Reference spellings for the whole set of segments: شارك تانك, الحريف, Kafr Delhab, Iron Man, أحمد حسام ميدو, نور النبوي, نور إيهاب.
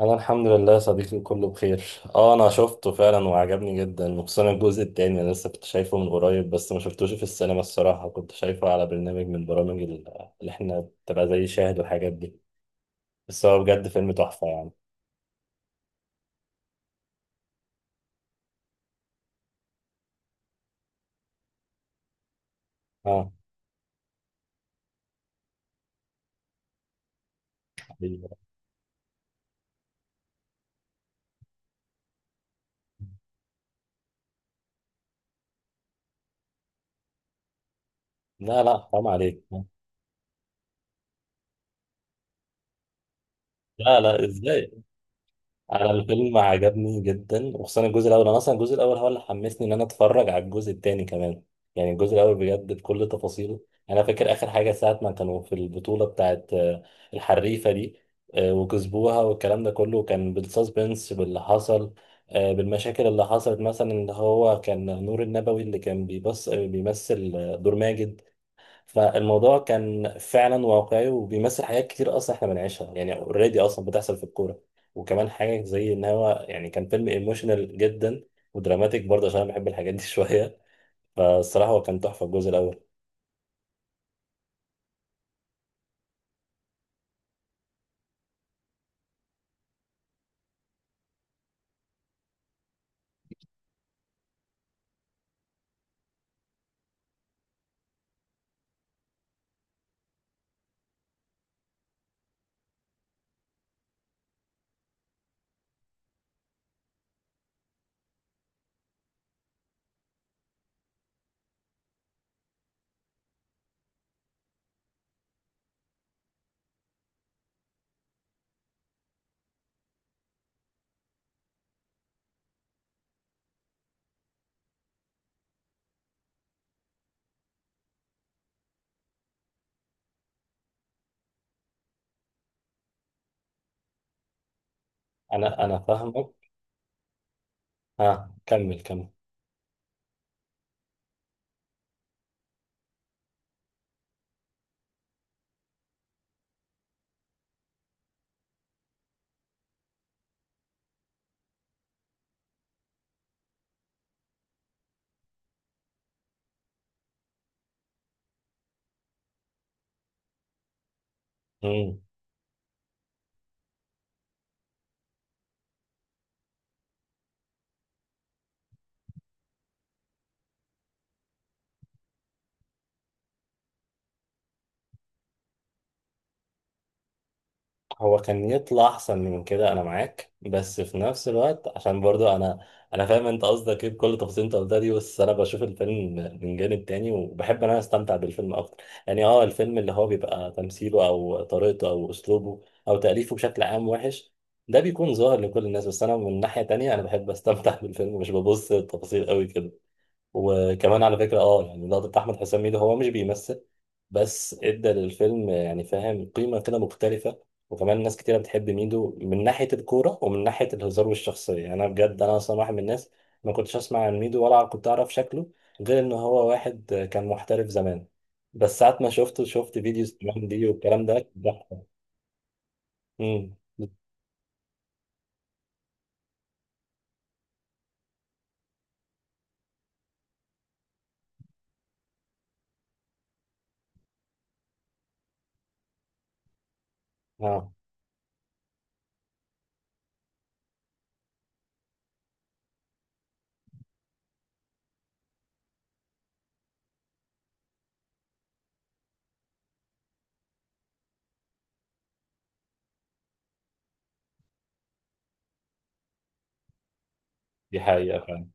انا الحمد لله يا صديقي، كله بخير. اه، انا شفته فعلا وعجبني جدا، وخصوصا الجزء التاني. انا لسه كنت شايفه من قريب، بس ما شفتوش في السينما. الصراحه كنت شايفه على برنامج من برامج اللي احنا بتبقى زي شاهد والحاجات دي. بس هو بجد فيلم تحفه يعني. اه. أيوة. لا، لا، حرام عليك. لا، لا، ازاي؟ انا الفيلم عجبني جدا، وخصوصا الجزء الاول. انا اصلا الجزء الاول هو اللي حمسني ان انا اتفرج على الجزء التاني كمان. يعني الجزء الاول بجد بكل تفاصيله. يعني انا فاكر اخر حاجه ساعه ما كانوا في البطوله بتاعت الحريفه دي، وكسبوها والكلام ده كله كان بالسسبنس باللي حصل، بالمشاكل اللي حصلت مثلا ان هو كان نور النبوي اللي كان بيبص بيمثل دور ماجد. فالموضوع كان فعلا واقعي، وبيمثل حاجات كتير اصلا احنا بنعيشها يعني. اوريدي اصلا بتحصل في الكوره. وكمان حاجه زي ان هو يعني كان فيلم ايموشنال جدا، ودراماتيك برضه، عشان انا بحب الحاجات دي شويه. فالصراحه هو كان تحفه الجزء الاول. انا فاهمك. ها كمل كمل. هو كان يطلع احسن من كده، انا معاك. بس في نفس الوقت عشان برضو انا فاهم انت قصدك ايه بكل تفاصيل انت قلتها دي. بس انا بشوف الفيلم من جانب تاني، وبحب ان انا استمتع بالفيلم اكتر. يعني اه، الفيلم اللي هو بيبقى تمثيله او طريقته او اسلوبه او تأليفه بشكل عام وحش، ده بيكون ظاهر لكل الناس. بس انا من ناحية تانية، انا بحب استمتع بالفيلم، مش ببص للتفاصيل قوي كده. وكمان على فكرة يعني لقطة أحمد حسام ميدو، هو مش بيمثل، بس ادى للفيلم يعني فاهم قيمة كده مختلفة. وكمان ناس كتيرة بتحب ميدو من ناحية الكورة ومن ناحية الهزار والشخصية. يعني أنا بجد أنا أصلا واحد من الناس ما كنتش أسمع عن ميدو، ولا كنت أعرف شكله، غير إن هو واحد كان محترف زمان. بس ساعة ما شفته، شفت فيديوز كمان دي والكلام ده ضحك. امم اه، دي حقيقة فعلا.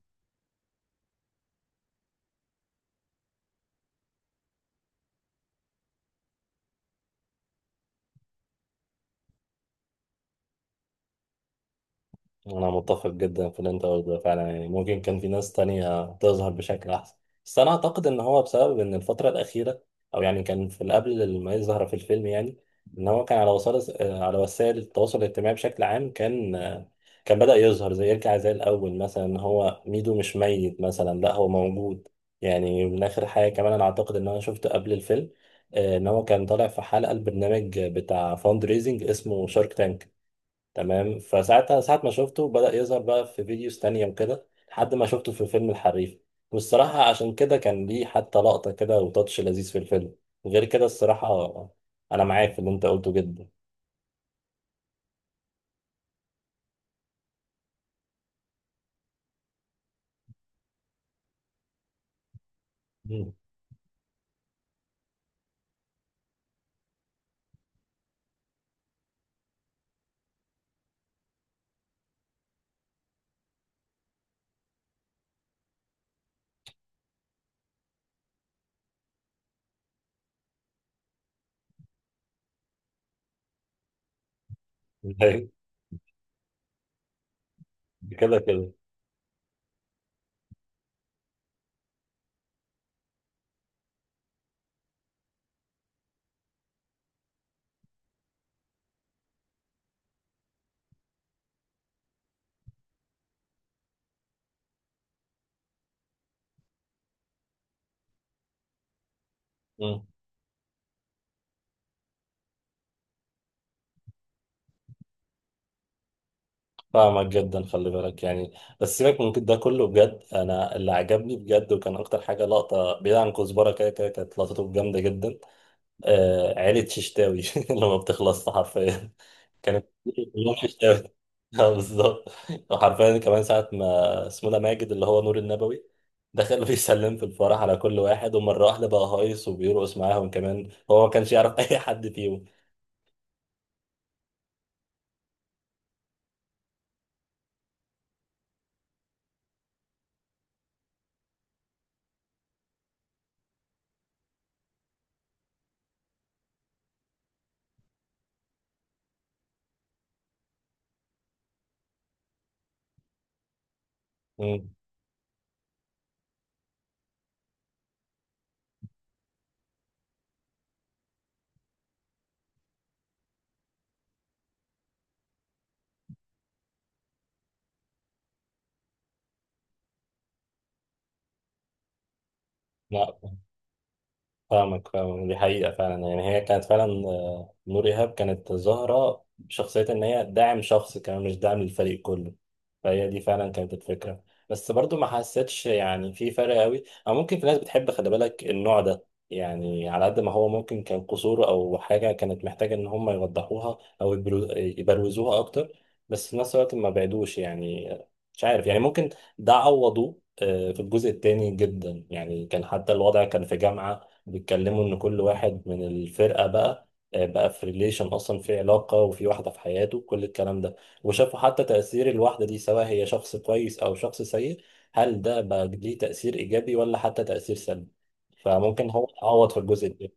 أنا متفق جدا في اللي أنت قلته فعلا. يعني ممكن كان في ناس تانية تظهر بشكل أحسن، بس أنا أعتقد إن هو بسبب إن الفترة الأخيرة، أو يعني كان في قبل ما يظهر في الفيلم يعني، إن هو كان على وسائل، على وسائل التواصل الاجتماعي بشكل عام، كان بدأ يظهر، زي يرجع زي الأول مثلا، إن هو ميدو مش ميت مثلا، لا هو موجود. يعني من آخر حاجة كمان، أنا أعتقد إن أنا شفت قبل الفيلم، إن هو كان طالع في حلقة البرنامج بتاع فاند ريزنج اسمه شارك تانك. تمام، فساعتها ساعة ما شفته بدأ يظهر بقى في فيديوز تانية وكده، لحد ما شفته في فيلم الحريف. والصراحة عشان كده كان ليه حتى لقطة كده وتاتش لذيذ في الفيلم، غير كده الصراحة. أنا معاك في اللي أنت قلته جدا. مم. كده كده. مم. فاهمك جدا، خلي بالك يعني. بس سيبك من ده كله، بجد أنا اللي عجبني بجد وكان أكتر حاجة لقطة، بعيد عن كزبرة، كده كده كانت لقطته جامدة جدا. آه، عيلة ششتاوي اللي ما بتخلصش حرفيا. كانت كلهم ششتاوي. اه، بالظبط. وحرفيا كمان ساعة ما اسمه ده ماجد اللي هو نور النبوي دخل بيسلم في الفرح على كل واحد، ومرة واحدة بقى هايص وبيرقص معاهم كمان، هو ما كانش يعرف أي حد فيهم. مم. فاهمك فاهمك، دي حقيقة فعلا. يعني هي كانت فعلا، نور إيهاب كانت ظاهرة بشخصية إن هي داعم شخص كمان، مش داعم للفريق كله. فهي دي فعلا كانت الفكرة. بس برضو ما حسيتش يعني في فرق قوي، أو ممكن في ناس بتحب خلي بالك النوع ده. يعني على قد ما هو ممكن كان قصور، أو حاجة كانت محتاجة إن هم يوضحوها أو يبروزوها أكتر، بس في نفس الوقت ما بعدوش يعني، مش عارف يعني. ممكن ده عوضوه في الجزء التاني جدا. يعني كان حتى الوضع كان في جامعة، بيتكلموا ان كل واحد من الفرقه بقى في ريليشن، اصلا في علاقه وفي واحده في حياته كل الكلام ده. وشافوا حتى تاثير الواحده دي، سواء هي شخص كويس او شخص سيء، هل ده بقى ليه تاثير ايجابي ولا حتى تاثير سلبي. فممكن هو يتعوض في الجزء ده.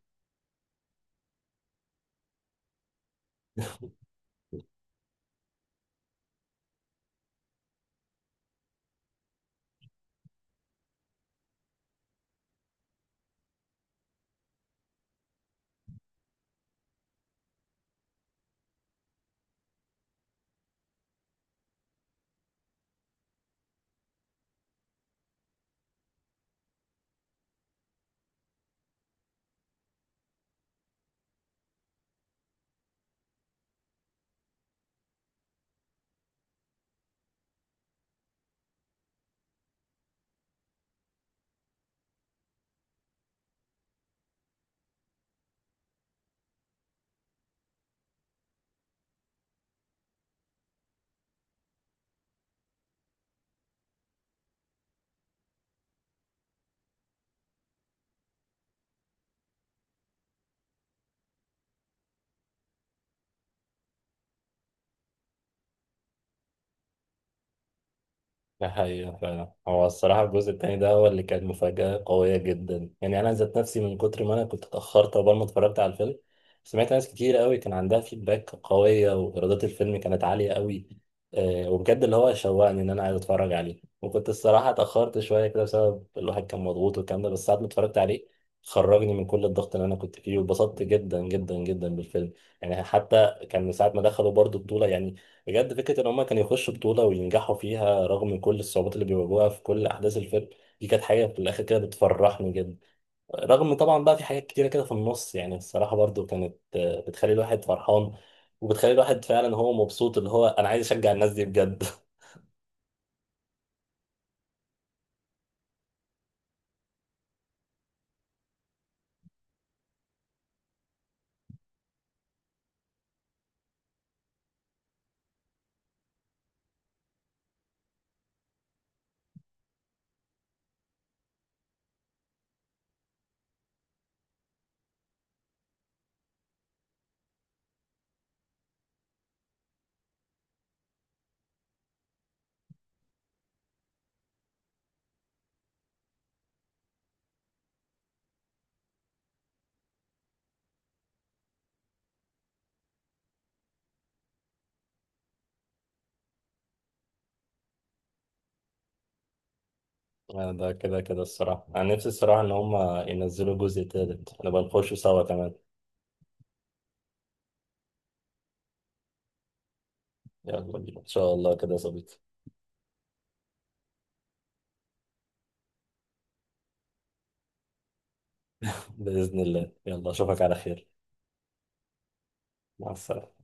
ده حقيقة فعلا. هو الصراحة الجزء التاني ده هو اللي كان مفاجأة قوية جدا. يعني أنا ذات نفسي من كتر ما أنا كنت اتأخرت عقبال ما اتفرجت على الفيلم، سمعت ناس كتير قوي كان عندها فيدباك قوية، وإيرادات الفيلم كانت عالية قوي. وبجد اللي هو شوقني إن أنا عايز أتفرج عليه. وكنت الصراحة اتأخرت شوية كده بسبب الواحد كان مضغوط والكلام ده، بس ساعة ما اتفرجت عليه خرجني من كل الضغط اللي أنا كنت فيه، واتبسطت جدا جدا جدا بالفيلم. يعني حتى كان من ساعة ما دخلوا برضو بطولة يعني، بجد فكرة إن هما كانوا يخشوا بطولة وينجحوا فيها رغم كل الصعوبات اللي بيواجهوها في كل أحداث الفيلم، دي كانت حاجة في الآخر كده بتفرحني جدا. رغم طبعا بقى في حاجات كتيرة كده في النص، يعني الصراحة برضو كانت، بتخلي الواحد فرحان، وبتخلي الواحد فعلا هو مبسوط، اللي هو أنا عايز أشجع الناس دي بجد. ده كده كده الصراحة، أنا نفسي الصراحة إن هما ينزلوا جزء تالت نبقى نخشوا سوا كمان. يلا بينا إن شاء الله كده يا صديقي. بإذن الله، يلا أشوفك على خير. مع السلامة.